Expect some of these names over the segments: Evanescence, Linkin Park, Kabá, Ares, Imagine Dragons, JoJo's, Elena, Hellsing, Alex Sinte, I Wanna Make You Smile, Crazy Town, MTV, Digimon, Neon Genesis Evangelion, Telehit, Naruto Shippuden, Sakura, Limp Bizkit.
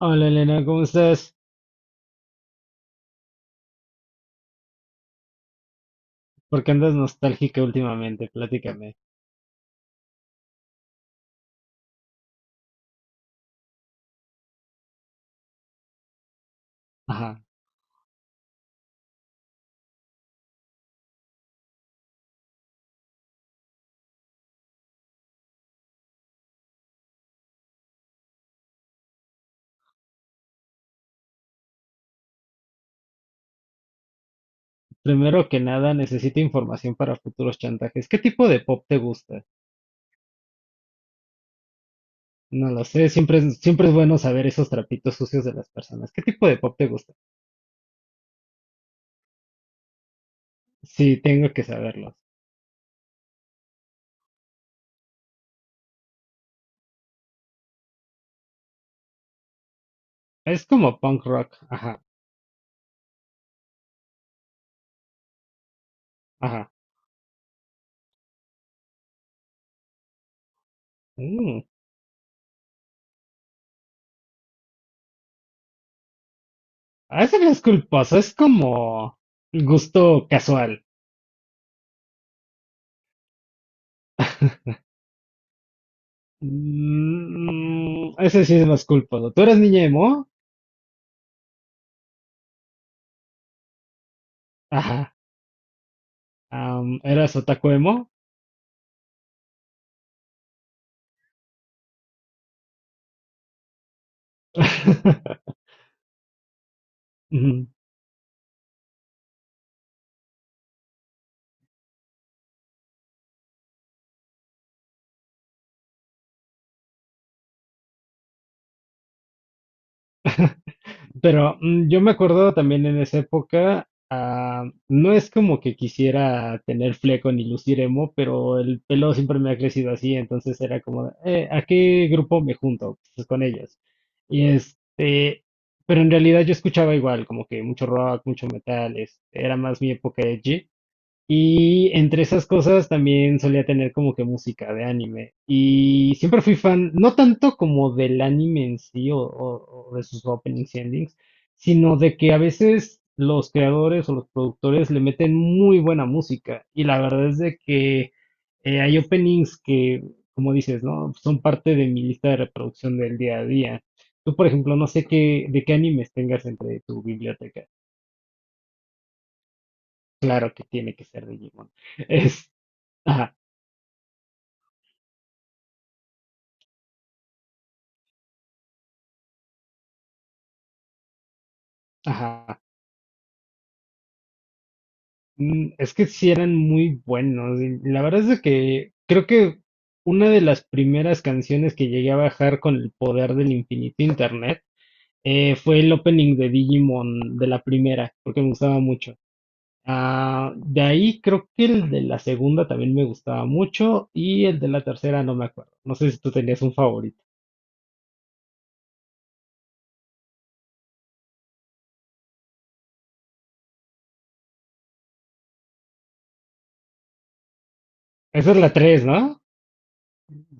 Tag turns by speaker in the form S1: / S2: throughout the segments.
S1: Hola Elena, ¿cómo estás? ¿Por qué andas nostálgica últimamente? Platícame. Ajá. Primero que nada, necesito información para futuros chantajes. ¿Qué tipo de pop te gusta? No lo sé, siempre es bueno saber esos trapitos sucios de las personas. ¿Qué tipo de pop te gusta? Sí, tengo que saberlos. Es como punk rock. Ajá, ajá. Mm. Ah, eso no es culposo, es como gusto casual. Mm, ese sí es más culposo. ¿Tú eras niña emo? Ajá. ¿Eras otaku emo? Ujú. Pero yo me acuerdo también en esa época, no es como que quisiera tener fleco ni lucir emo, pero el pelo siempre me ha crecido así, entonces era como, de, ¿A qué grupo me junto? Pues con ellos." Y este, pero en realidad yo escuchaba igual, como que mucho rock, mucho metal, era más mi época edgy. Y entre esas cosas también solía tener como que música de anime. Y siempre fui fan, no tanto como del anime en sí o de sus openings y endings, sino de que a veces los creadores o los productores le meten muy buena música. Y la verdad es de que hay openings que, como dices, ¿no? Son parte de mi lista de reproducción del día a día. Tú, por ejemplo, no sé de qué animes tengas entre tu biblioteca. Claro que tiene que ser Digimon. Es, ajá. Ajá. Es que sí eran muy buenos. Y la verdad es de que creo que una de las primeras canciones que llegué a bajar con el poder del infinito internet fue el opening de Digimon de la primera, porque me gustaba mucho. Ah, de ahí creo que el de la segunda también me gustaba mucho y el de la tercera no me acuerdo. No sé si tú tenías un favorito. Esa es la tres, ¿no?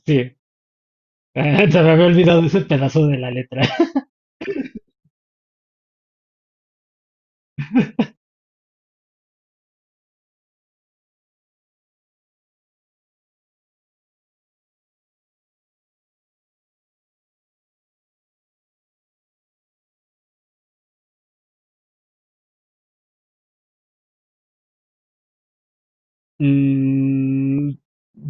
S1: Sí. Se me había olvidado ese pedazo de la letra. Mm,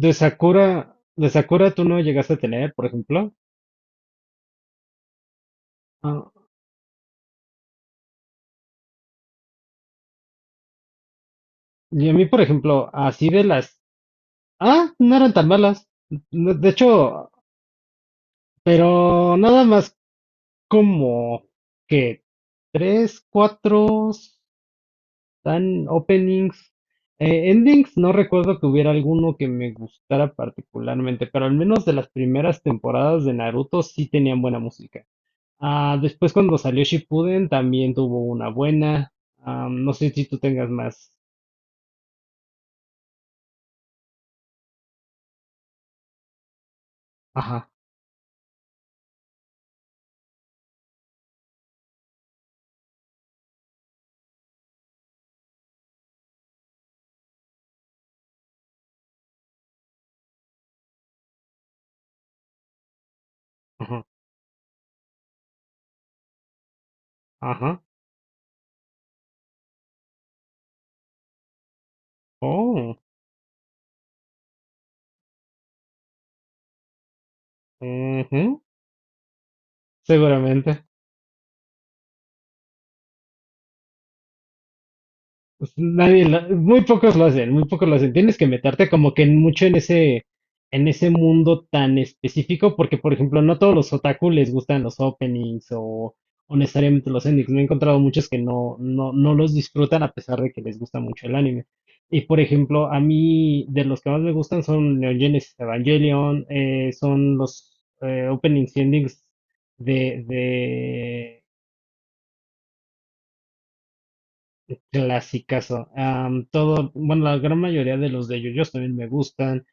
S1: de Sakura tú no llegaste a tener, por ejemplo. Ah, y a mí, por ejemplo, así de las... Ah, no eran tan malas. No, de hecho, pero nada más como que tres, cuatro tan openings. Endings, no recuerdo que hubiera alguno que me gustara particularmente, pero al menos de las primeras temporadas de Naruto sí tenían buena música. Ah, después cuando salió Shippuden también tuvo una buena. Ah, no sé si tú tengas más. Ajá, ajá, ajá. Oh, ujú, seguramente. Pues nadie, muy pocos lo hacen, muy pocos lo hacen. Tienes que meterte como que mucho en ese, mundo tan específico, porque por ejemplo, no todos los otaku les gustan los openings o necesariamente los endings. Me he encontrado muchos que no los disfrutan a pesar de que les gusta mucho el anime. Y por ejemplo, a mí de los que más me gustan son Neon Genesis Evangelion, son los openings y endings de. Clasicazo. Todo, bueno, la gran mayoría de los de JoJo's también me gustan.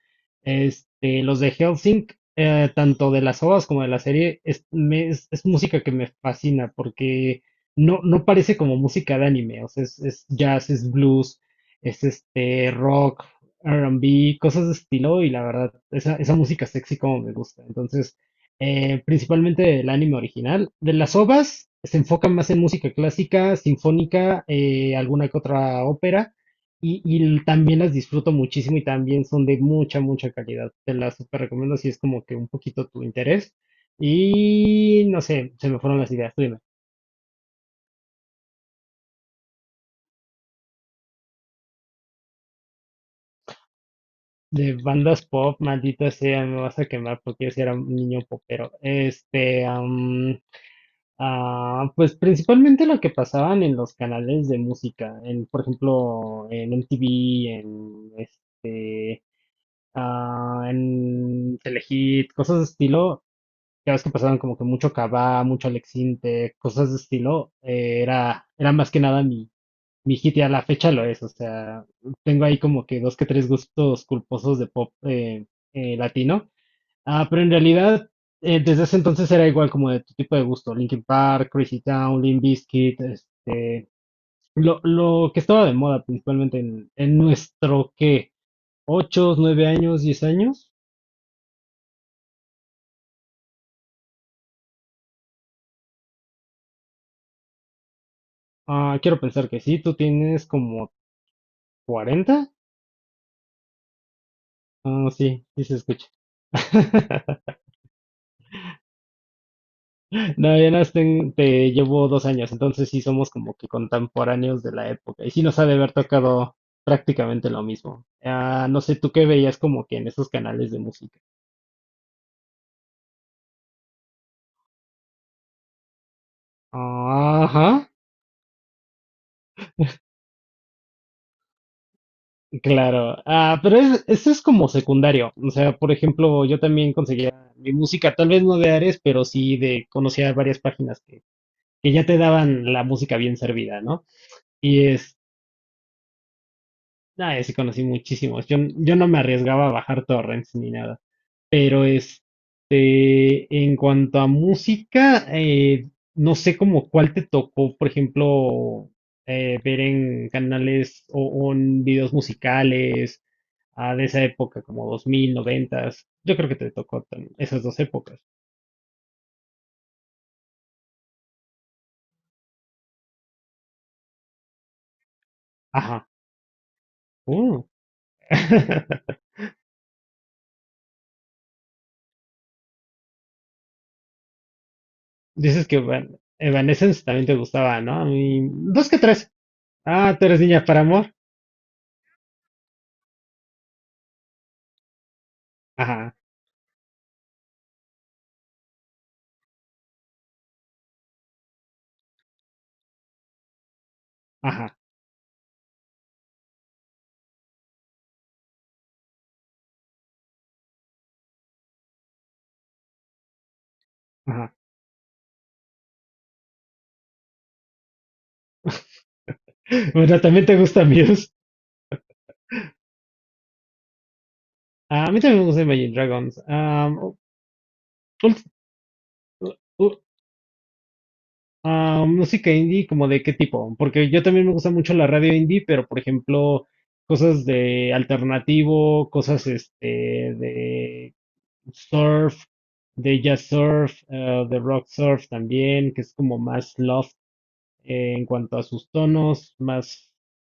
S1: Los de Hellsing, tanto de las ovas como de la serie, es música que me fascina porque no, no parece como música de anime. O sea, es jazz, es blues, es rock, R&B, cosas de estilo y la verdad, esa música sexy como me gusta. Entonces, principalmente del anime original. De las ovas se enfocan más en música clásica, sinfónica, alguna que otra ópera, y también las disfruto muchísimo y también son de mucha, mucha calidad. Te las super recomiendo si es como que un poquito tu interés. Y no sé, se me fueron las ideas, tú dime. De bandas pop, maldita sea, me vas a quemar porque yo sí era un niño popero. Pues principalmente lo que pasaban en los canales de música, en, por ejemplo, en MTV, en Telehit, cosas de estilo, ya ves que pasaban como que mucho Kabá, mucho Alex Sinte, cosas de estilo, era más que nada mi hit y a la fecha lo es, o sea, tengo ahí como que dos que tres gustos culposos de pop latino. Ah, pero en realidad, desde ese entonces era igual como de tu tipo de gusto, Linkin Park, Crazy Town, Limp Bizkit, lo que estaba de moda principalmente en nuestro, ¿qué? ¿8, 9 años, 10 años? Ah, quiero pensar que sí, tú tienes como 40. Ah, sí, sí se escucha. No, ya no te llevo 2 años, entonces sí somos como que contemporáneos de la época y sí nos ha de haber tocado prácticamente lo mismo. Ah, no sé, ¿tú qué veías como que en esos canales de música? Ajá, claro. Ah, pero eso es como secundario. O sea, por ejemplo, yo también conseguía mi música, tal vez no de Ares, pero sí de, conocía varias páginas que ya te daban la música bien servida, ¿no? Y sí conocí muchísimos. Yo no me arriesgaba a bajar torrents ni nada. Pero en cuanto a música, no sé como cuál te tocó, por ejemplo, ver en canales o en videos musicales de esa época, como 2000, 90. Yo creo que te tocó esas dos épocas. Ajá. Uh. Dices que Evanescence también te gustaba, ¿no? A mí, dos que tres. Ah, tú eres niña para amor. Ajá, ajá, ajá. Bueno, también te gusta mío. Ah, a mí también me gusta Imagine Dragons. Am, u- ult- u- ah, Música indie, ¿como de qué tipo? Porque yo también me gusta mucho la radio indie, pero por ejemplo, cosas de alternativo, cosas de surf, de jazz surf, de rock surf también, que es como más loft en cuanto a sus tonos, más,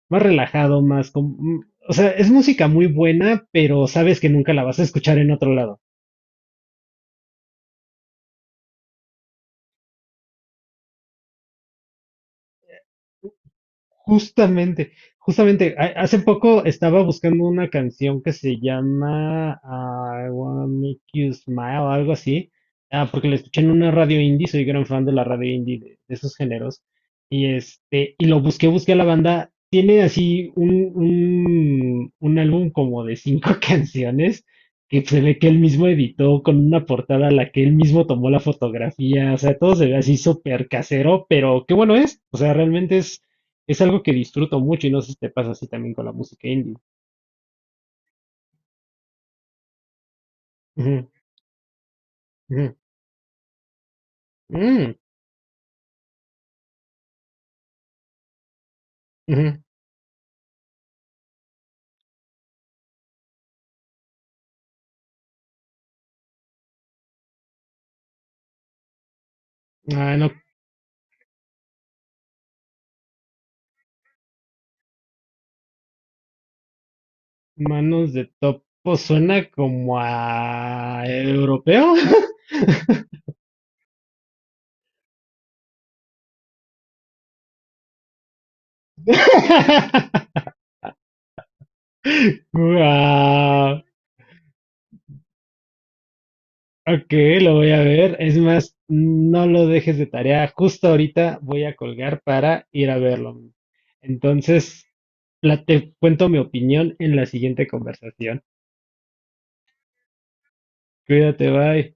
S1: más relajado, más... o sea, es música muy buena, pero sabes que nunca la vas a escuchar en otro lado. Justamente, justamente, hace poco estaba buscando una canción que se llama I Wanna Make You Smile algo así, porque la escuché en una radio indie, soy gran fan de la radio indie, de esos géneros, y lo busqué a la banda, tiene así un álbum como de cinco canciones, que se ve que él mismo editó con una portada a la que él mismo tomó la fotografía, o sea, todo se ve así súper casero, pero qué bueno es, o sea, realmente es algo que disfruto mucho y no sé si te pasa así también con la música indie. Ujú, ujú, mm, ujú. Ah, no, manos de topo suena como a europeo. Guau, ok, lo voy a ver. Es más, no lo dejes de tarea. Justo ahorita voy a colgar para ir a verlo. Entonces, te cuento mi opinión en la siguiente conversación. Cuídate, bye.